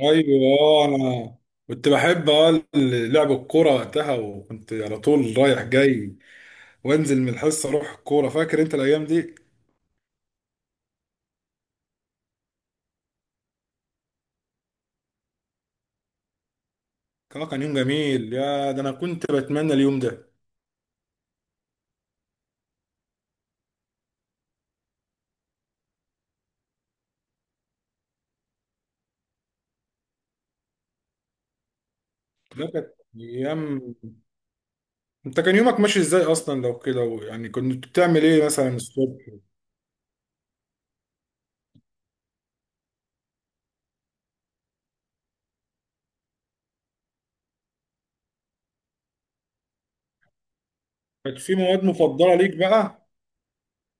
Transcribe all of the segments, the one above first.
ايوه، انا كنت بحب لعب الكوره وقتها، وكنت على طول رايح جاي وانزل من الحصه اروح الكوره. فاكر انت الايام دي؟ كان يوم جميل يا ده، انا كنت بتمنى اليوم ده. ده كانت ايام. انت كان يومك ماشي ازاي اصلا لو كده؟ يعني كنت بتعمل ايه مثلا الصبح؟ كانت في مواد مفضله ليك بقى؟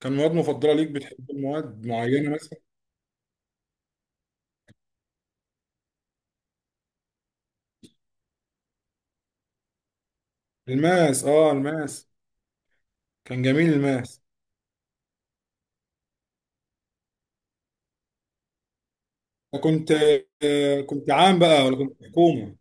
كان مواد مفضله ليك، بتحب مواد معينه مثلا؟ الماس، اه الماس، كان جميل الماس. كنت كنت عام بقى ولا كنت حكومه؟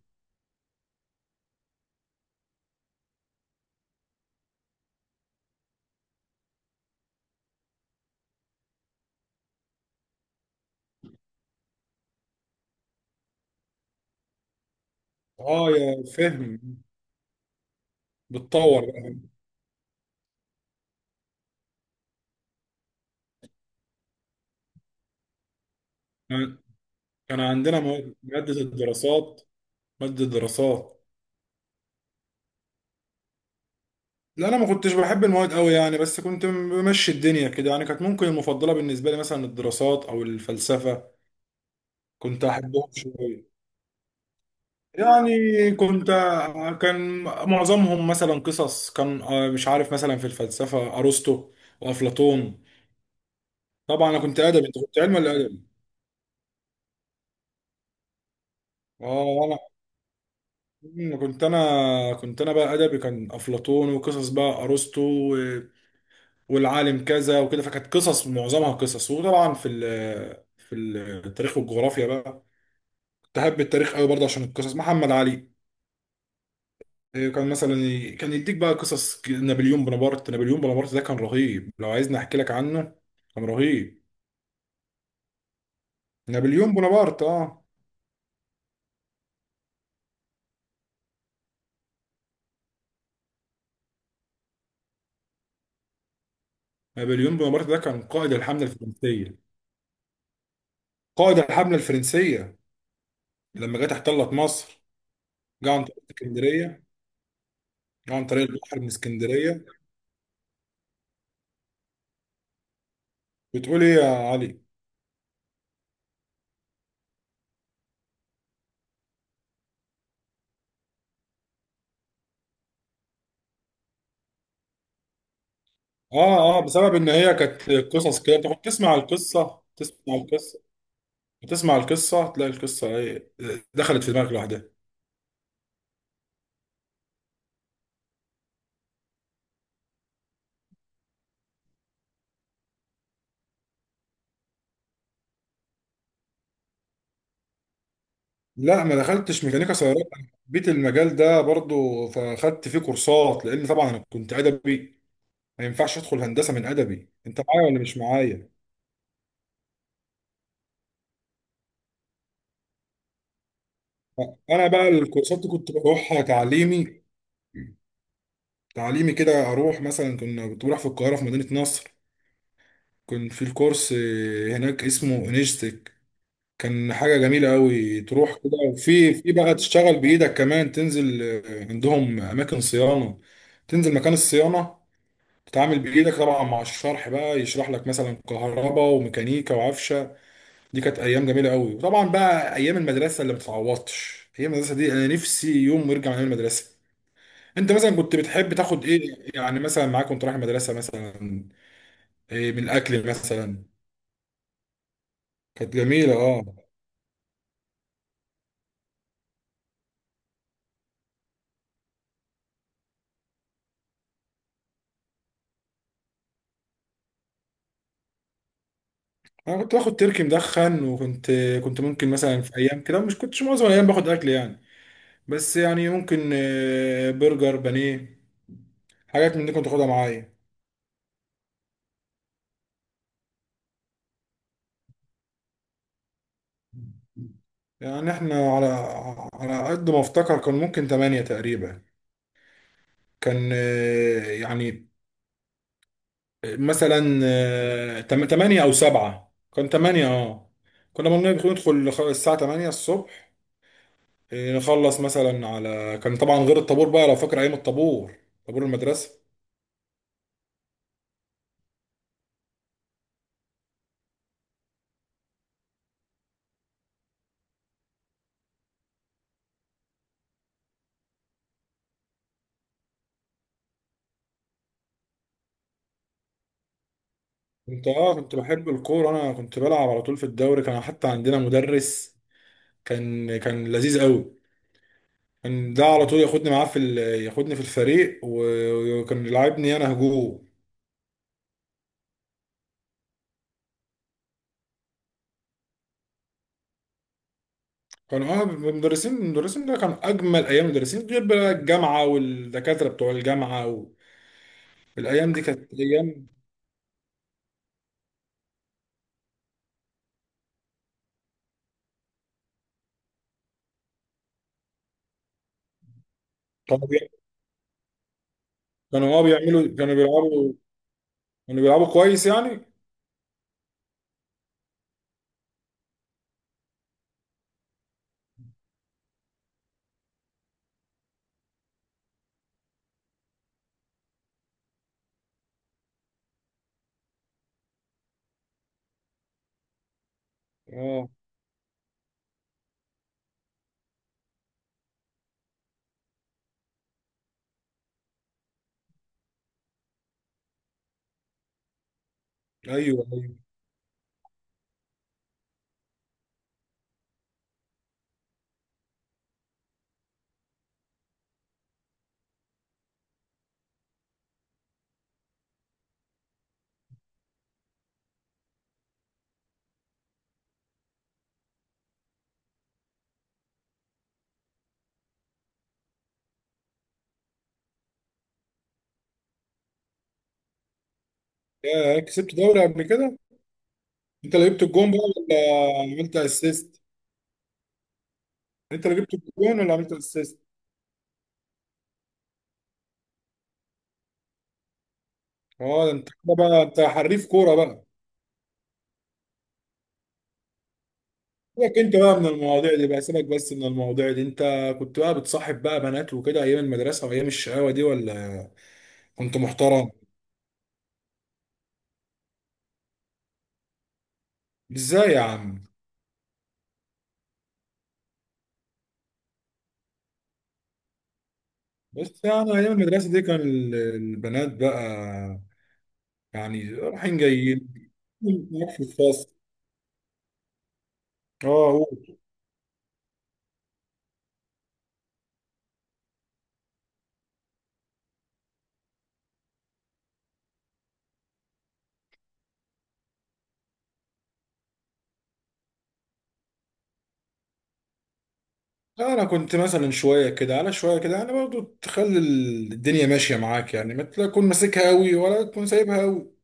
اه يا فهم. بتطور بقى. كان مادة الدراسات، مادة الدراسات. لا انا ما كنتش بحب المواد قوي يعني، بس كنت بمشي الدنيا كده يعني. كانت ممكن المفضلة بالنسبة لي مثلا الدراسات او الفلسفة، كنت احبهم شوية. يعني كنت كان معظمهم مثلا قصص. كان مش عارف، مثلا في الفلسفة ارسطو وافلاطون. طبعا انا كنت ادبي، انت كنت علم ولا ادبي؟ اه. مم، كنت انا كنت انا بقى ادبي، كان افلاطون وقصص بقى ارسطو و- والعالم كذا وكده، فكانت قصص معظمها قصص. وطبعا في التاريخ والجغرافيا بقى، كنت احب التاريخ قوي برضه عشان القصص، محمد علي. إيه، كان مثلا كان يديك بقى قصص، نابليون بونابرت. نابليون بونابرت ده كان رهيب، لو عايزني احكي لك عنه كان رهيب. نابليون بونابرت، اه نابليون بونابرت ده كان قائد الحملة الفرنسية. قائد الحملة الفرنسية لما جت احتلت مصر، جه عن طريق اسكندرية، عن طريق البحر من اسكندريه. بتقول ايه يا علي؟ اه اه، بسبب ان هي كانت قصص كده، بتاخد تسمع القصه، تسمع القصه، تلاقي القصه ايه، دخلت في دماغك لوحدها. لا ما دخلتش ميكانيكا سيارات، انا حبيت المجال ده برضو فاخدت فيه كورسات، لان طبعا انا كنت ادبي، ما ينفعش ادخل هندسه من ادبي. انت معايا ولا مش معايا؟ انا بقى الكورسات دي كنت بروحها تعليمي، تعليمي كده. اروح مثلا، كنت بروح في القاهره في مدينه نصر، كان في الكورس هناك اسمه انيجتك. كان حاجة جميلة قوي، تروح كده وفي بقى تشتغل بإيدك كمان، تنزل عندهم أماكن صيانة، تنزل مكان الصيانة، تتعامل بإيدك طبعا مع الشرح بقى، يشرح لك مثلا كهرباء وميكانيكا وعفشة. دي كانت أيام جميلة قوي، وطبعا بقى أيام المدرسة اللي ما بتتعوضش. أيام المدرسة دي أنا نفسي يوم يرجع من المدرسة. أنت مثلا كنت بتحب تاخد إيه يعني مثلا معاك وأنت رايح المدرسة مثلا، إيه من الأكل مثلا؟ كانت جميلة اه. انا كنت باخد تركي مدخن، وكنت ممكن مثلا في ايام كده، مش كنتش معظم الايام باخد اكل يعني، بس يعني ممكن برجر، بانيه، حاجات من دي كنت اخدها معايا. يعني احنا على قد ما افتكر كان ممكن تمانية تقريبا. كان يعني مثلا تمانية او سبعة، كان تمانية اه. بندخل الساعة تمانية الصبح، نخلص مثلا على كان، طبعا غير الطابور بقى، لو فاكر ايام الطابور، طابور المدرسة. كنت اه كنت بحب الكورة، انا كنت بلعب على طول في الدوري، كان حتى عندنا مدرس كان لذيذ قوي، كان ده على طول ياخدني معاه في ال... ياخدني في الفريق و- وكان يلعبني انا هجوم. كان اه المدرسين، ده كان اجمل ايام، المدرسين غير بقى الجامعة والدكاترة بتوع الجامعة و... الايام دي كانت ايام. كانوا بي... كانوا اه بيعملوا، كانوا بيلعبوا كويس يعني. اه ايوه ايوه، يا كسبت دوري قبل كده؟ انت لعبت الجون بقى ولا عملت اسيست؟ انت اللي جبت الجون ولا عملت الاسيست؟ اه ده انت كده بقى، انت حريف كوره بقى. سيبك انت بقى من المواضيع دي بقى، سيبك بس من المواضيع دي. انت كنت بقى بتصاحب بقى بنات وكده ايام المدرسه وايام الشقاوه دي، ولا كنت محترم؟ ازاي يا عم؟ بس يعني ايام المدرسه دي كان البنات بقى يعني رايحين جايين في الفصل. اه قول. لا، انا كنت مثلا شويه كده على شويه كده يعني، برضو تخلي الدنيا ماشيه معاك يعني، ما تكون ماسكها قوي ولا تكون سايبها قوي.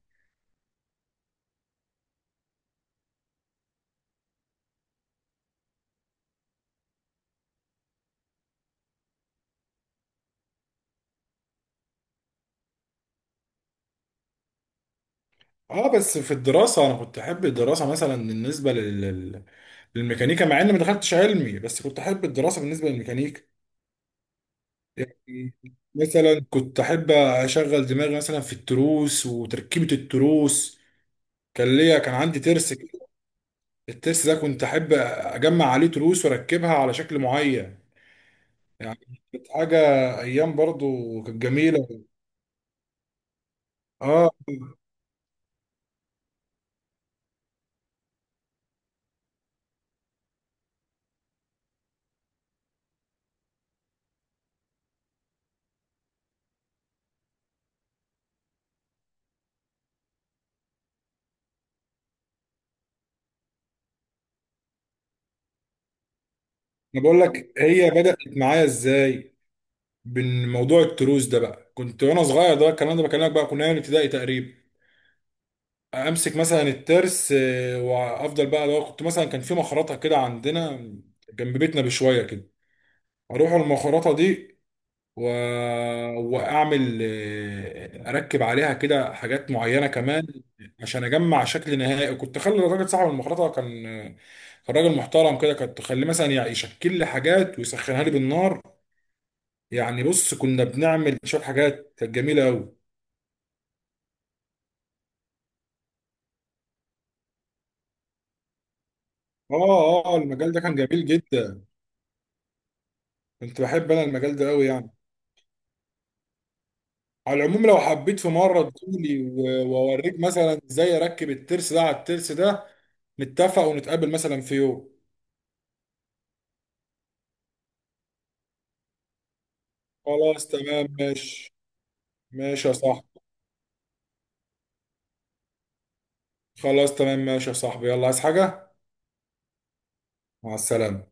اه بس في الدراسة انا كنت احب الدراسة مثلا بالنسبة لل... للميكانيكا، مع اني ما دخلتش علمي بس كنت احب الدراسة بالنسبة للميكانيكا. يعني مثلا كنت احب اشغل دماغي مثلا في التروس وتركيبة التروس، كان ليا، كان عندي ترس كده. الترس ده كنت احب اجمع عليه تروس واركبها على شكل معين، يعني كانت حاجة، ايام برضو كانت جميلة اه. انا بقول لك هي بدأت معايا ازاي. بين موضوع التروس ده بقى، كنت وانا صغير، ده الكلام ده بكلمك بقى كنا ايام الابتدائي تقريبا. امسك مثلا الترس، وافضل بقى، لو كنت مثلا كان في مخرطه كده عندنا جنب بيتنا بشويه كده، اروح المخرطه دي و... واعمل اركب عليها كده حاجات معينه كمان، عشان اجمع شكل نهائي. كنت اخلي الراجل صاحب المخرطه كان راجل محترم كده، كنت اخليه مثلا يعني يشكل لي حاجات ويسخنها لي بالنار. يعني بص، كنا بنعمل شويه حاجات كانت جميله قوي. اه المجال ده كان جميل جدا، كنت بحب انا المجال ده قوي يعني. على العموم لو حبيت في مره تقولي و- واوريك مثلا ازاي اركب الترس ده على الترس ده، نتفق ونتقابل مثلا في يوم. خلاص تمام ماشي، ماشي يا صاحبي. خلاص تمام ماشي يا صاحبي، يلا. عايز حاجه؟ مع السلامه.